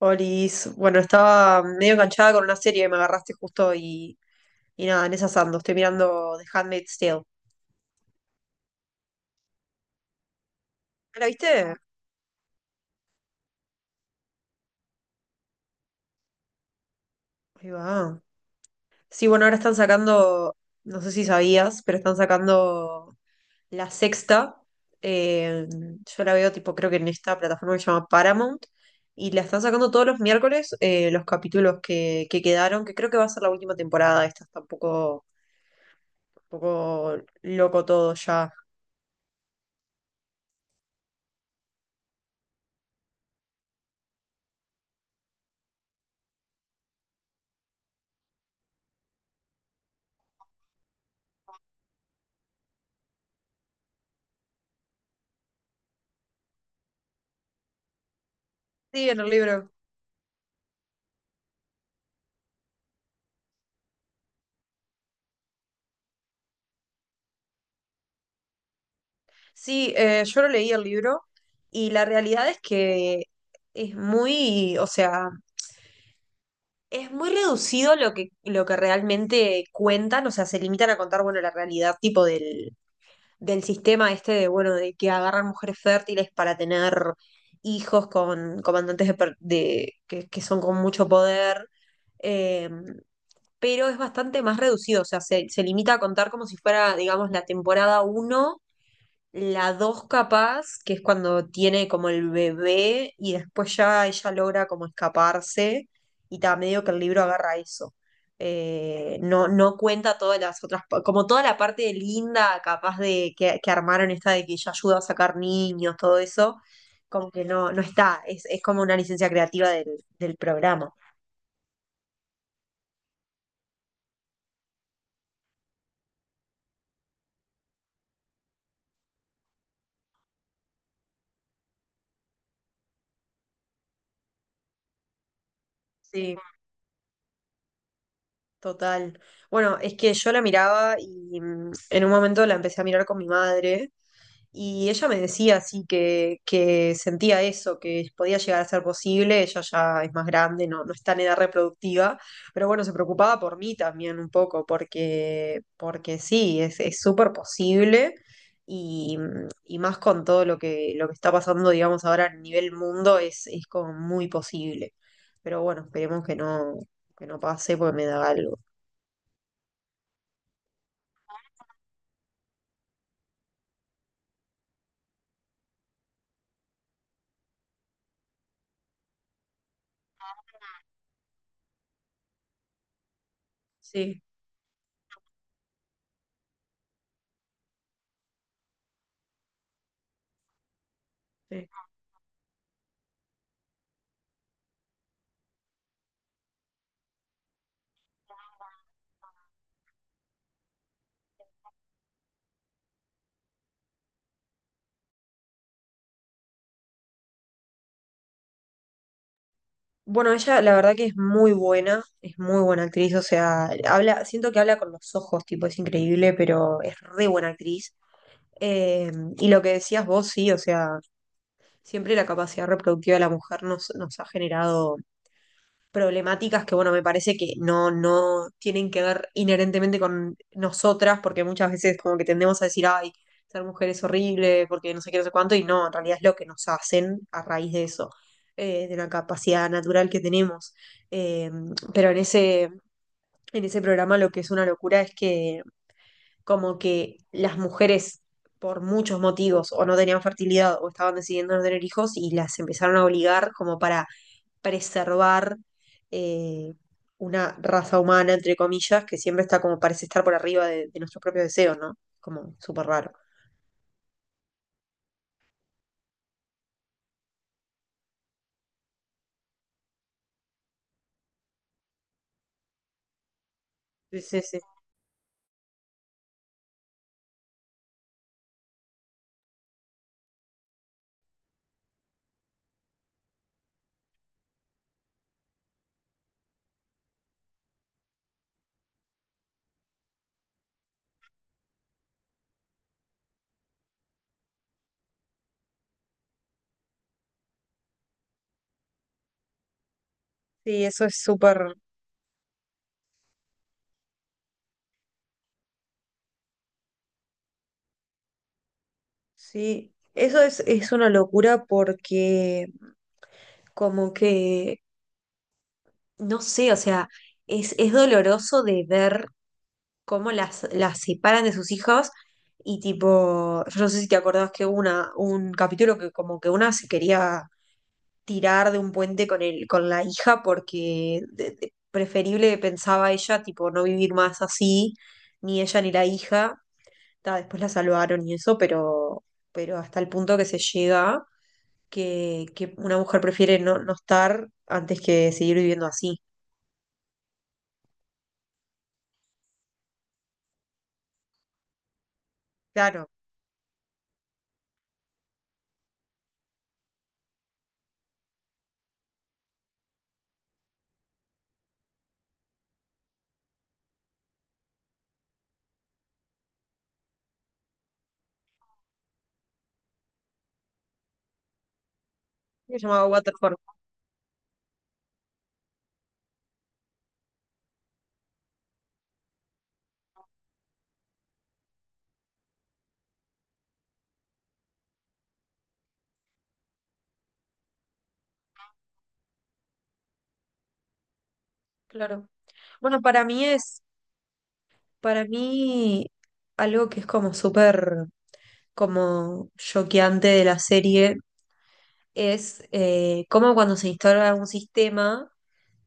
Olis, bueno, estaba medio enganchada con una serie que me agarraste justo y nada, en esa ando. Estoy mirando The Handmaid's Tale. ¿No ¿La viste? Ahí va. Sí, bueno, ahora están sacando, no sé si sabías, pero están sacando la sexta. Eh, yo la veo tipo, creo que en esta plataforma que se llama Paramount. Y la están sacando todos los miércoles los capítulos que quedaron, que creo que va a ser la última temporada. Esta está un poco loco todo ya. Sí, en el libro. Sí, yo lo leí el libro y la realidad es que es muy, o sea, es muy reducido lo que realmente cuentan, o sea, se limitan a contar, bueno, la realidad tipo del, del sistema este de, bueno, de que agarran mujeres fértiles para tener hijos con comandantes de, que son con mucho poder, eh, pero es bastante más reducido, o sea, se limita a contar como si fuera, digamos, la temporada uno. La dos capaz, que es cuando tiene como el bebé y después ya ella logra como escaparse y ta, medio que el libro agarra eso. No, no cuenta todas las otras, como toda la parte de linda capaz de que armaron esta de que ella ayuda a sacar niños, todo eso, como que no, no está, es como una licencia creativa del, del programa. Total. Bueno, es que yo la miraba y en un momento la empecé a mirar con mi madre y ella me decía así que sentía eso, que podía llegar a ser posible, ella ya es más grande, no, no está en edad reproductiva, pero bueno, se preocupaba por mí también un poco, porque, porque sí, es súper posible y, y más con todo lo que está pasando, digamos, ahora a nivel mundo, es como muy posible. Pero bueno, esperemos que no pasé porque me daba algo. Sí, sí. Bueno, ella la verdad que es muy buena actriz, o sea, habla, siento que habla con los ojos, tipo, es increíble, pero es re buena actriz. Eh, y lo que decías vos, sí, o sea, siempre la capacidad reproductiva de la mujer nos, nos ha generado problemáticas que, bueno, me parece que no, no tienen que ver inherentemente con nosotras, porque muchas veces como que tendemos a decir, ay, ser mujer es horrible, porque no sé qué, no sé cuánto, y no, en realidad es lo que nos hacen a raíz de eso, de la capacidad natural que tenemos. Eh, pero en ese programa lo que es una locura es que como que las mujeres por muchos motivos o no tenían fertilidad o estaban decidiendo no tener hijos y las empezaron a obligar como para preservar eh, una raza humana, entre comillas, que siempre está como parece estar por arriba de nuestros propios deseos, ¿no? Como súper raro. Sí, sí, sí. Sí, eso es súper, sí, eso es una locura porque como que, no sé, o sea, es doloroso de ver cómo las separan de sus hijos y tipo, yo no sé si te acordás que hubo una, un capítulo que como que una se quería tirar de un puente con el, con la hija porque preferible pensaba ella, tipo, no vivir más así, ni ella ni la hija. Ta, después la salvaron y eso, pero hasta el punto que se llega que una mujer prefiere no, no estar antes que seguir viviendo así. Claro, se llamaba Waterford. Claro. Bueno, para mí es, para mí, algo que es como súper como choqueante de la serie es cómo cuando se instala un sistema,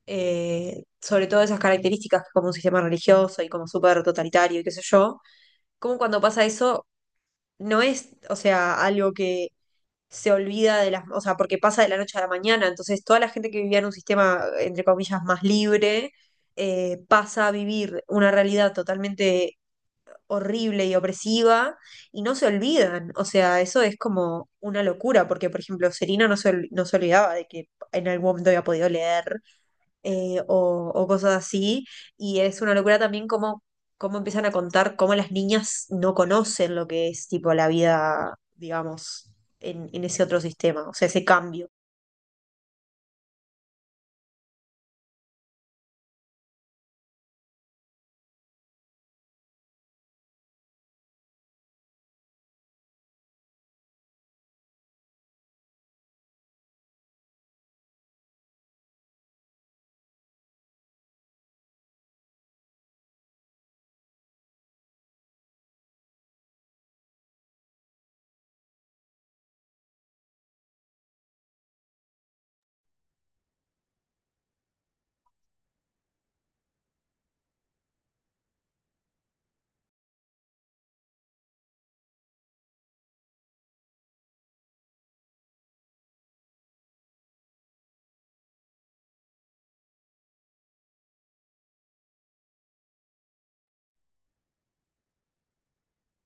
sobre todo esas características que como un sistema religioso y como súper totalitario y qué sé yo, cómo cuando pasa eso no es, o sea, algo que se olvida de las, o sea, porque pasa de la noche a la mañana, entonces toda la gente que vivía en un sistema, entre comillas, más libre, pasa a vivir una realidad totalmente horrible y opresiva y no se olvidan. O sea, eso es como una locura, porque por ejemplo, Serina no se, no se olvidaba de que en algún momento había podido leer o cosas así. Y es una locura también cómo, cómo empiezan a contar cómo las niñas no conocen lo que es tipo la vida, digamos, en ese otro sistema, o sea, ese cambio.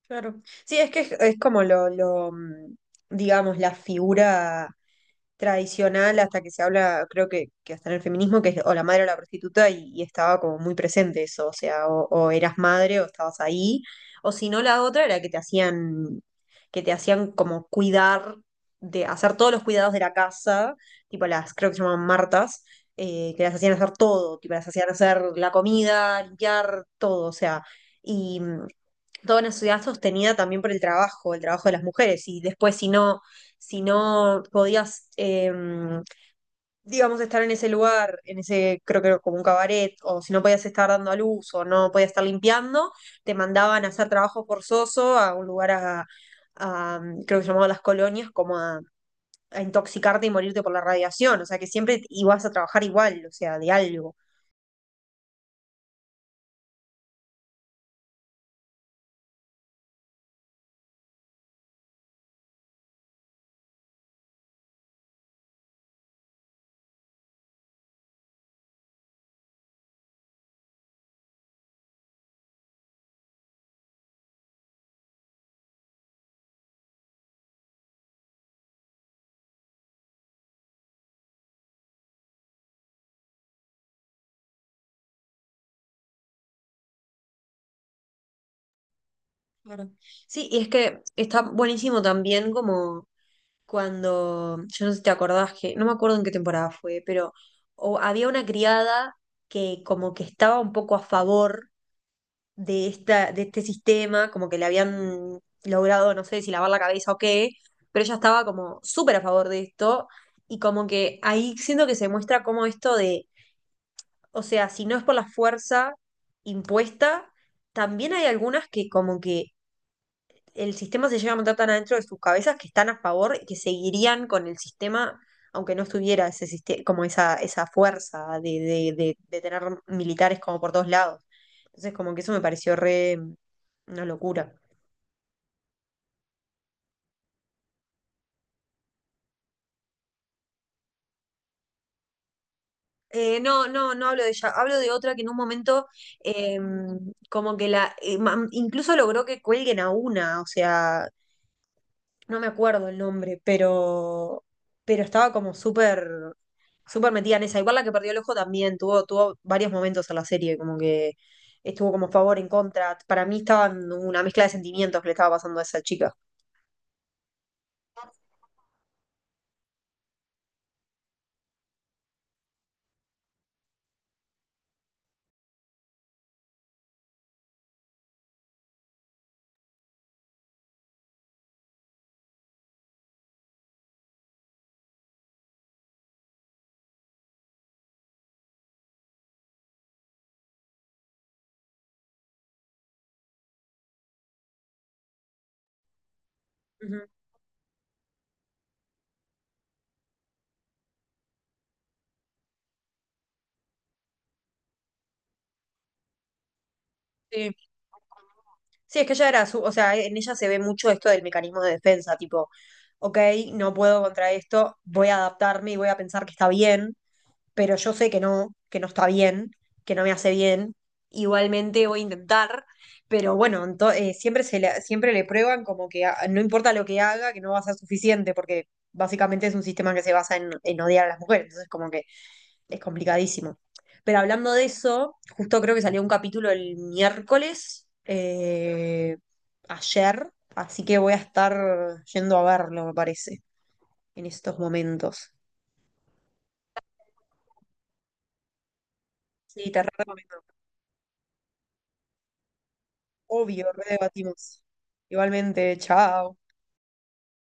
Claro. Sí, es que es como lo, digamos, la figura tradicional hasta que se habla, creo que hasta en el feminismo, que es o la madre o la prostituta, y estaba como muy presente eso, o sea, o eras madre o estabas ahí, o si no la otra era que te hacían como cuidar, de hacer todos los cuidados de la casa, tipo las, creo que se llaman Martas, que las hacían hacer todo, tipo las hacían hacer la comida, limpiar, todo, o sea, y toda una sociedad sostenida también por el trabajo de las mujeres. Y después, si no, si no podías, digamos, estar en ese lugar, en ese, creo que era como un cabaret, o si no podías estar dando a luz, o no podías estar limpiando, te mandaban a hacer trabajo forzoso a un lugar a, creo que se llamaba las colonias, como a intoxicarte y morirte por la radiación, o sea que siempre ibas a trabajar igual, o sea, de algo. Claro. Sí, y es que está buenísimo también como cuando, yo no sé si te acordás que, no me acuerdo en qué temporada fue, pero o había una criada que como que estaba un poco a favor de esta, de este sistema, como que le habían logrado, no sé si lavar la cabeza o qué, pero ella estaba como súper a favor de esto, y como que ahí siento que se muestra como esto de, o sea, si no es por la fuerza impuesta, también hay algunas que como que el sistema se llega a montar tan adentro de sus cabezas que están a favor y que seguirían con el sistema, aunque no estuviera ese sistema, como esa fuerza de tener militares como por todos lados. Entonces, como que eso me pareció re una locura. No, no, no hablo de ella, hablo de otra que en un momento eh, como que la, incluso logró que cuelguen a una, o sea, no me acuerdo el nombre, pero estaba como súper, súper metida en esa. Igual la que perdió el ojo también, tuvo, tuvo varios momentos en la serie, como que estuvo como a favor, en contra. Para mí estaba en una mezcla de sentimientos que le estaba pasando a esa chica. Ujú. Sí. Sí, es que ella era su, o sea, en ella se ve mucho esto del mecanismo de defensa, tipo, ok, no puedo contra esto, voy a adaptarme y voy a pensar que está bien, pero yo sé que no está bien, que no me hace bien. Igualmente voy a intentar, pero bueno, siempre, se le, siempre le prueban como que no importa lo que haga, que no va a ser suficiente, porque básicamente es un sistema que se basa en odiar a las mujeres, entonces como que es complicadísimo. Pero hablando de eso, justo creo que salió un capítulo el miércoles, ayer, así que voy a estar yendo a verlo, me parece, en estos momentos. Sí, te re recomiendo. Obvio, redebatimos. Igualmente, chao.